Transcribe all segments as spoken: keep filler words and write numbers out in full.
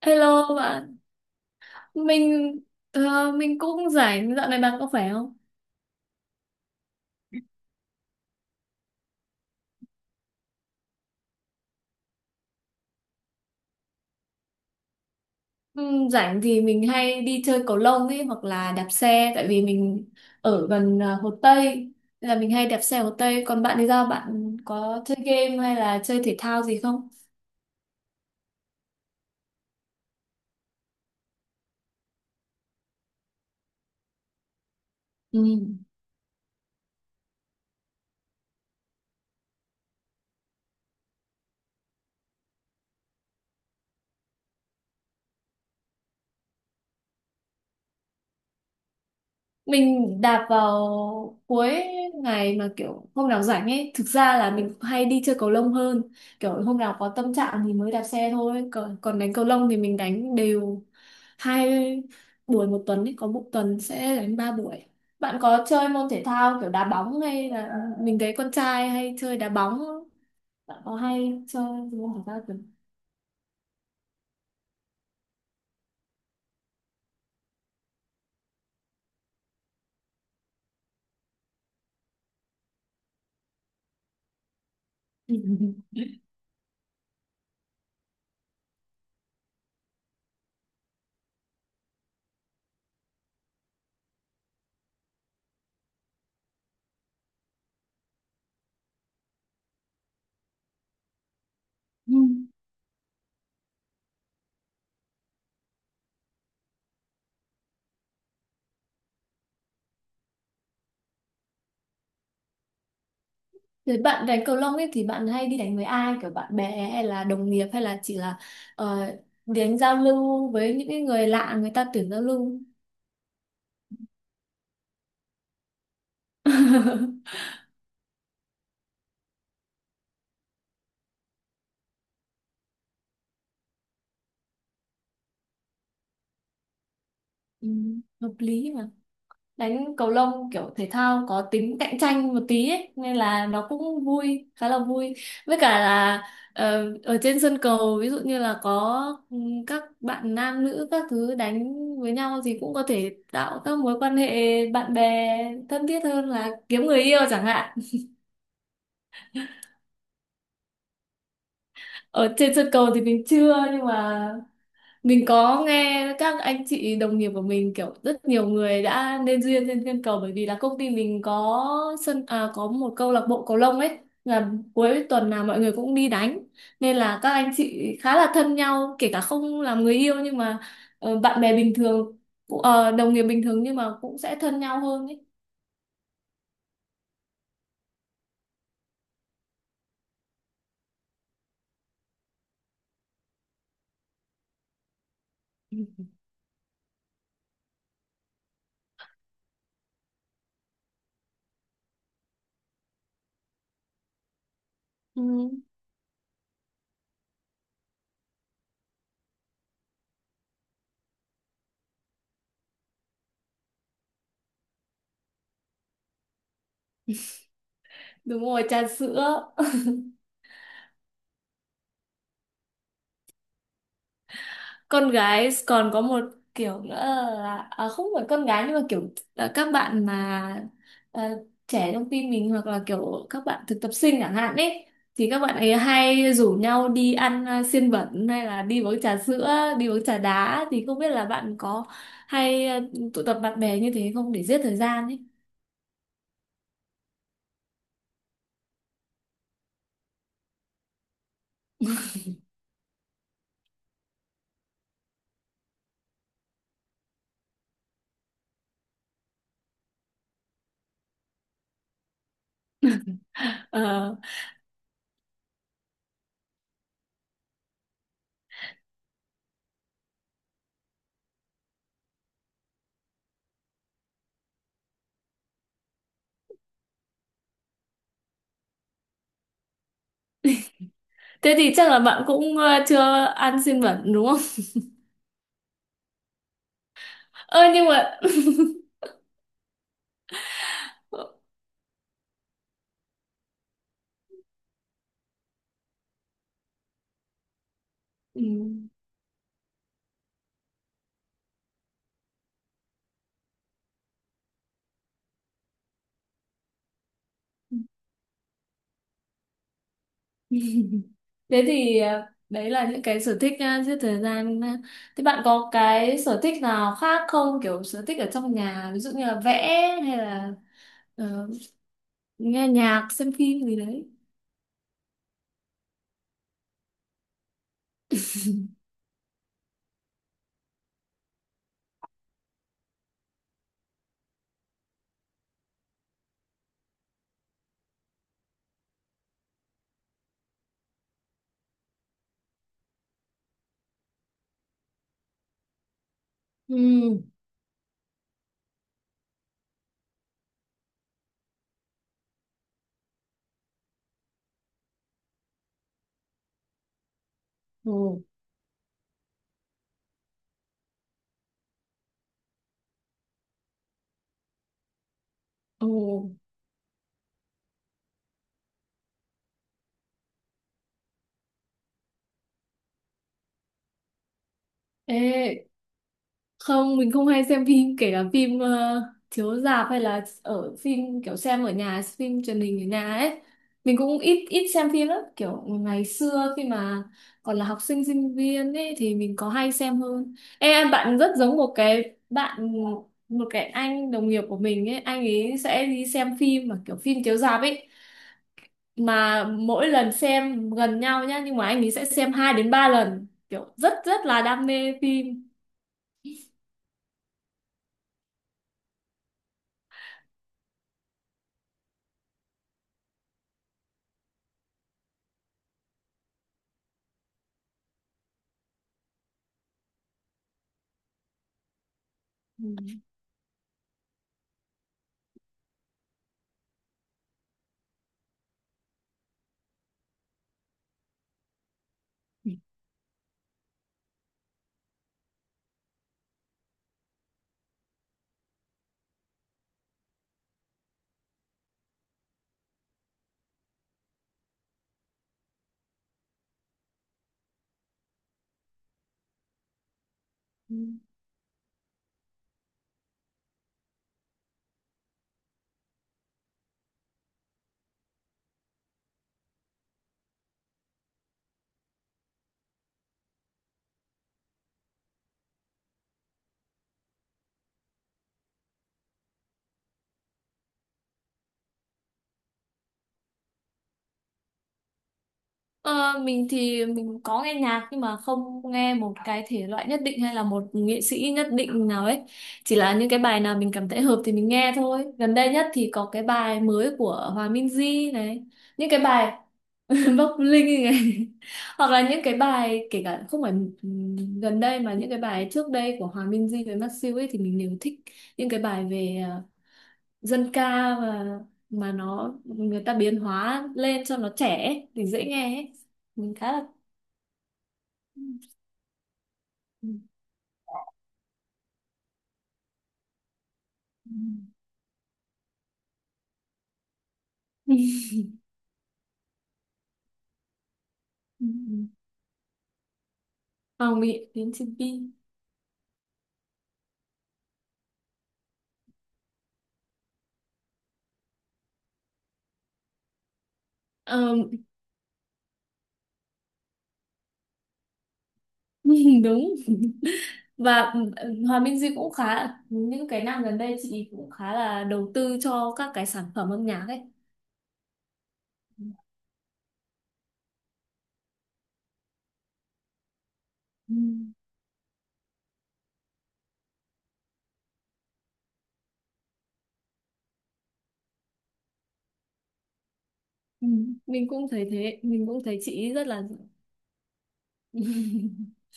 Hello bạn, mình ờ, mình cũng rảnh, dạo này bạn có khỏe không? Ừm, rảnh thì mình hay đi chơi cầu lông ấy hoặc là đạp xe tại vì mình ở gần ờ, Hồ Tây nên là mình hay đạp xe Hồ Tây. Còn bạn thì sao? Bạn có chơi game hay là chơi thể thao gì không? Ừm. Mình đạp vào cuối ngày mà kiểu hôm nào rảnh ấy, thực ra là mình hay đi chơi cầu lông hơn. Kiểu hôm nào có tâm trạng thì mới đạp xe thôi, còn còn đánh cầu lông thì mình đánh đều hai buổi một tuần ấy, có một tuần sẽ đánh ba buổi. Bạn có chơi môn thể thao kiểu đá bóng hay là mình thấy con trai hay chơi đá bóng không? Bạn có hay chơi môn thể thao kiểu Ừ. Rồi bạn đánh cầu lông ấy thì bạn hay đi đánh với ai, kiểu bạn bè hay là đồng nghiệp hay là chỉ là ờ, đánh giao lưu với những cái người lạ, người ta tuyển giao lưu. Ừ. Hợp lý, đánh cầu lông kiểu thể thao có tính cạnh tranh một tí ấy, nên là nó cũng vui, khá là vui. Với cả là ờ, ở trên sân cầu ví dụ như là có ừ, các bạn nam nữ các thứ đánh với nhau thì cũng có thể tạo các mối quan hệ bạn bè thân thiết hơn, là kiếm người yêu chẳng hạn. Ở trên sân cầu thì mình chưa, nhưng mà mình có nghe các anh chị đồng nghiệp của mình, kiểu rất nhiều người đã nên duyên trên thiên cầu, bởi vì là công ty mình có sân, à, có một câu lạc bộ cầu lông ấy, là cuối tuần nào mọi người cũng đi đánh, nên là các anh chị khá là thân nhau, kể cả không làm người yêu nhưng mà ờ, bạn bè bình thường cũng- ờ, đồng nghiệp bình thường nhưng mà cũng sẽ thân nhau hơn ấy. Ừ, đúng rồi, trà sữa. Con gái còn có một kiểu nữa là à, không phải con gái nhưng mà kiểu là các bạn mà à, trẻ trong team mình hoặc là kiểu các bạn thực tập sinh chẳng hạn ấy, thì các bạn ấy hay rủ nhau đi ăn à, xiên bẩn hay là đi uống trà sữa, đi uống trà đá. Thì không biết là bạn có hay à, tụ tập bạn bè như thế không, để giết thời gian ấy. Ờ, thế thì chắc là bạn cũng à, chưa ăn xiên bẩn đúng không? Ơ nhưng mà ừ. Thế thì à, đấy là những cái sở thích à, giết thời gian. À. Thế bạn có cái sở thích nào khác không? Kiểu sở thích ở trong nhà, ví dụ như là vẽ hay là ờ, nghe nhạc, xem phim gì đấy. Ừ. Ồ. Ồ. Ê, không, mình không hay xem phim, kể cả phim ờ, chiếu rạp hay là ở phim kiểu xem ở nhà, phim truyền hình ở nhà ấy. Mình cũng ít ít xem phim lắm, kiểu ngày xưa khi mà còn là học sinh sinh viên ấy thì mình có hay xem hơn. Ê, em bạn rất giống một cái bạn, một cái anh đồng nghiệp của mình ấy, anh ấy sẽ đi xem phim mà kiểu phim chiếu rạp ấy. Mà mỗi lần xem gần nhau nhá, nhưng mà anh ấy sẽ xem hai đến ba lần, kiểu rất rất là đam mê phim. Ừ. Ờ, mình thì mình có nghe nhạc nhưng mà không nghe một cái thể loại nhất định hay là một nghệ sĩ nhất định nào ấy, chỉ là những cái bài nào mình cảm thấy hợp thì mình nghe thôi. Gần đây nhất thì có cái bài mới của Hòa Minzy này, những cái bài Bắc Linh này, hoặc là những cái bài kể cả không phải ừm, gần đây, mà những cái bài trước đây của Hòa Minzy với Masew ấy thì mình đều thích, những cái bài về ờ, dân ca mà mà nó người ta biến hóa lên cho nó trẻ ấy, thì dễ nghe ấy. Mình khá là ừ. Ừ. Ừ. Hoàng Mỹ đến trên Pi. Ờ, đúng. Và Hòa Minh Duy cũng khá, những cái năm gần đây chị cũng khá là đầu tư cho các cái sản phẩm âm nhạc ấy. Ừ. Ừ. Mình cũng thấy thế, mình cũng thấy chị ấy rất là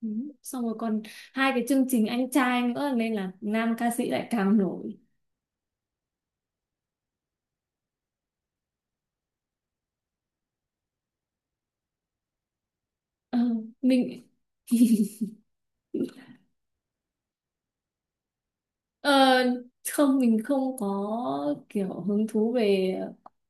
Ừ. Xong rồi còn hai cái chương trình anh trai nữa nên là nam ca sĩ lại càng nổi. Ờ, mình ờ, Không, mình không có kiểu hứng thú về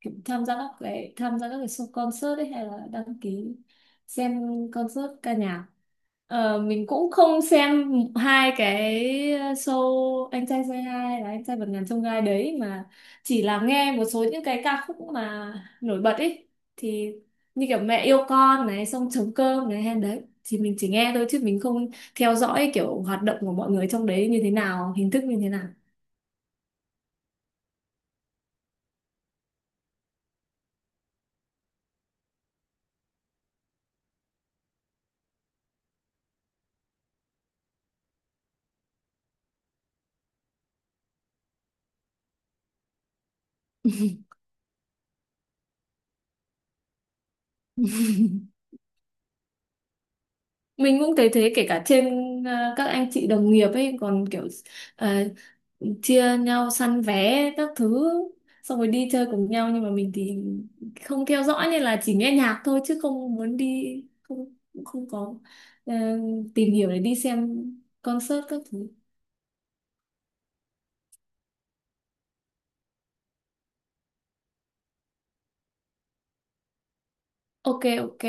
kiểu tham gia các cái tham gia các cái show concert ấy, hay là đăng ký xem concert ca nhạc. Ờ, mình cũng không xem hai cái show anh trai Say Hi, là anh trai vượt ngàn chông gai đấy mà, chỉ là nghe một số những cái ca khúc mà nổi bật ấy thì, như kiểu mẹ yêu con này, xong trống cơm này hay đấy, thì mình chỉ nghe thôi chứ mình không theo dõi kiểu hoạt động của mọi người trong đấy như thế nào, hình thức như thế nào. Mình cũng thấy thế, kể cả trên ờ, các anh chị đồng nghiệp ấy còn kiểu ờ, chia nhau săn vé các thứ xong rồi đi chơi cùng nhau, nhưng mà mình thì không theo dõi nên là chỉ nghe nhạc thôi, chứ không muốn đi, không cũng không có ờ, tìm hiểu để đi xem concert các thứ. Ok, ok.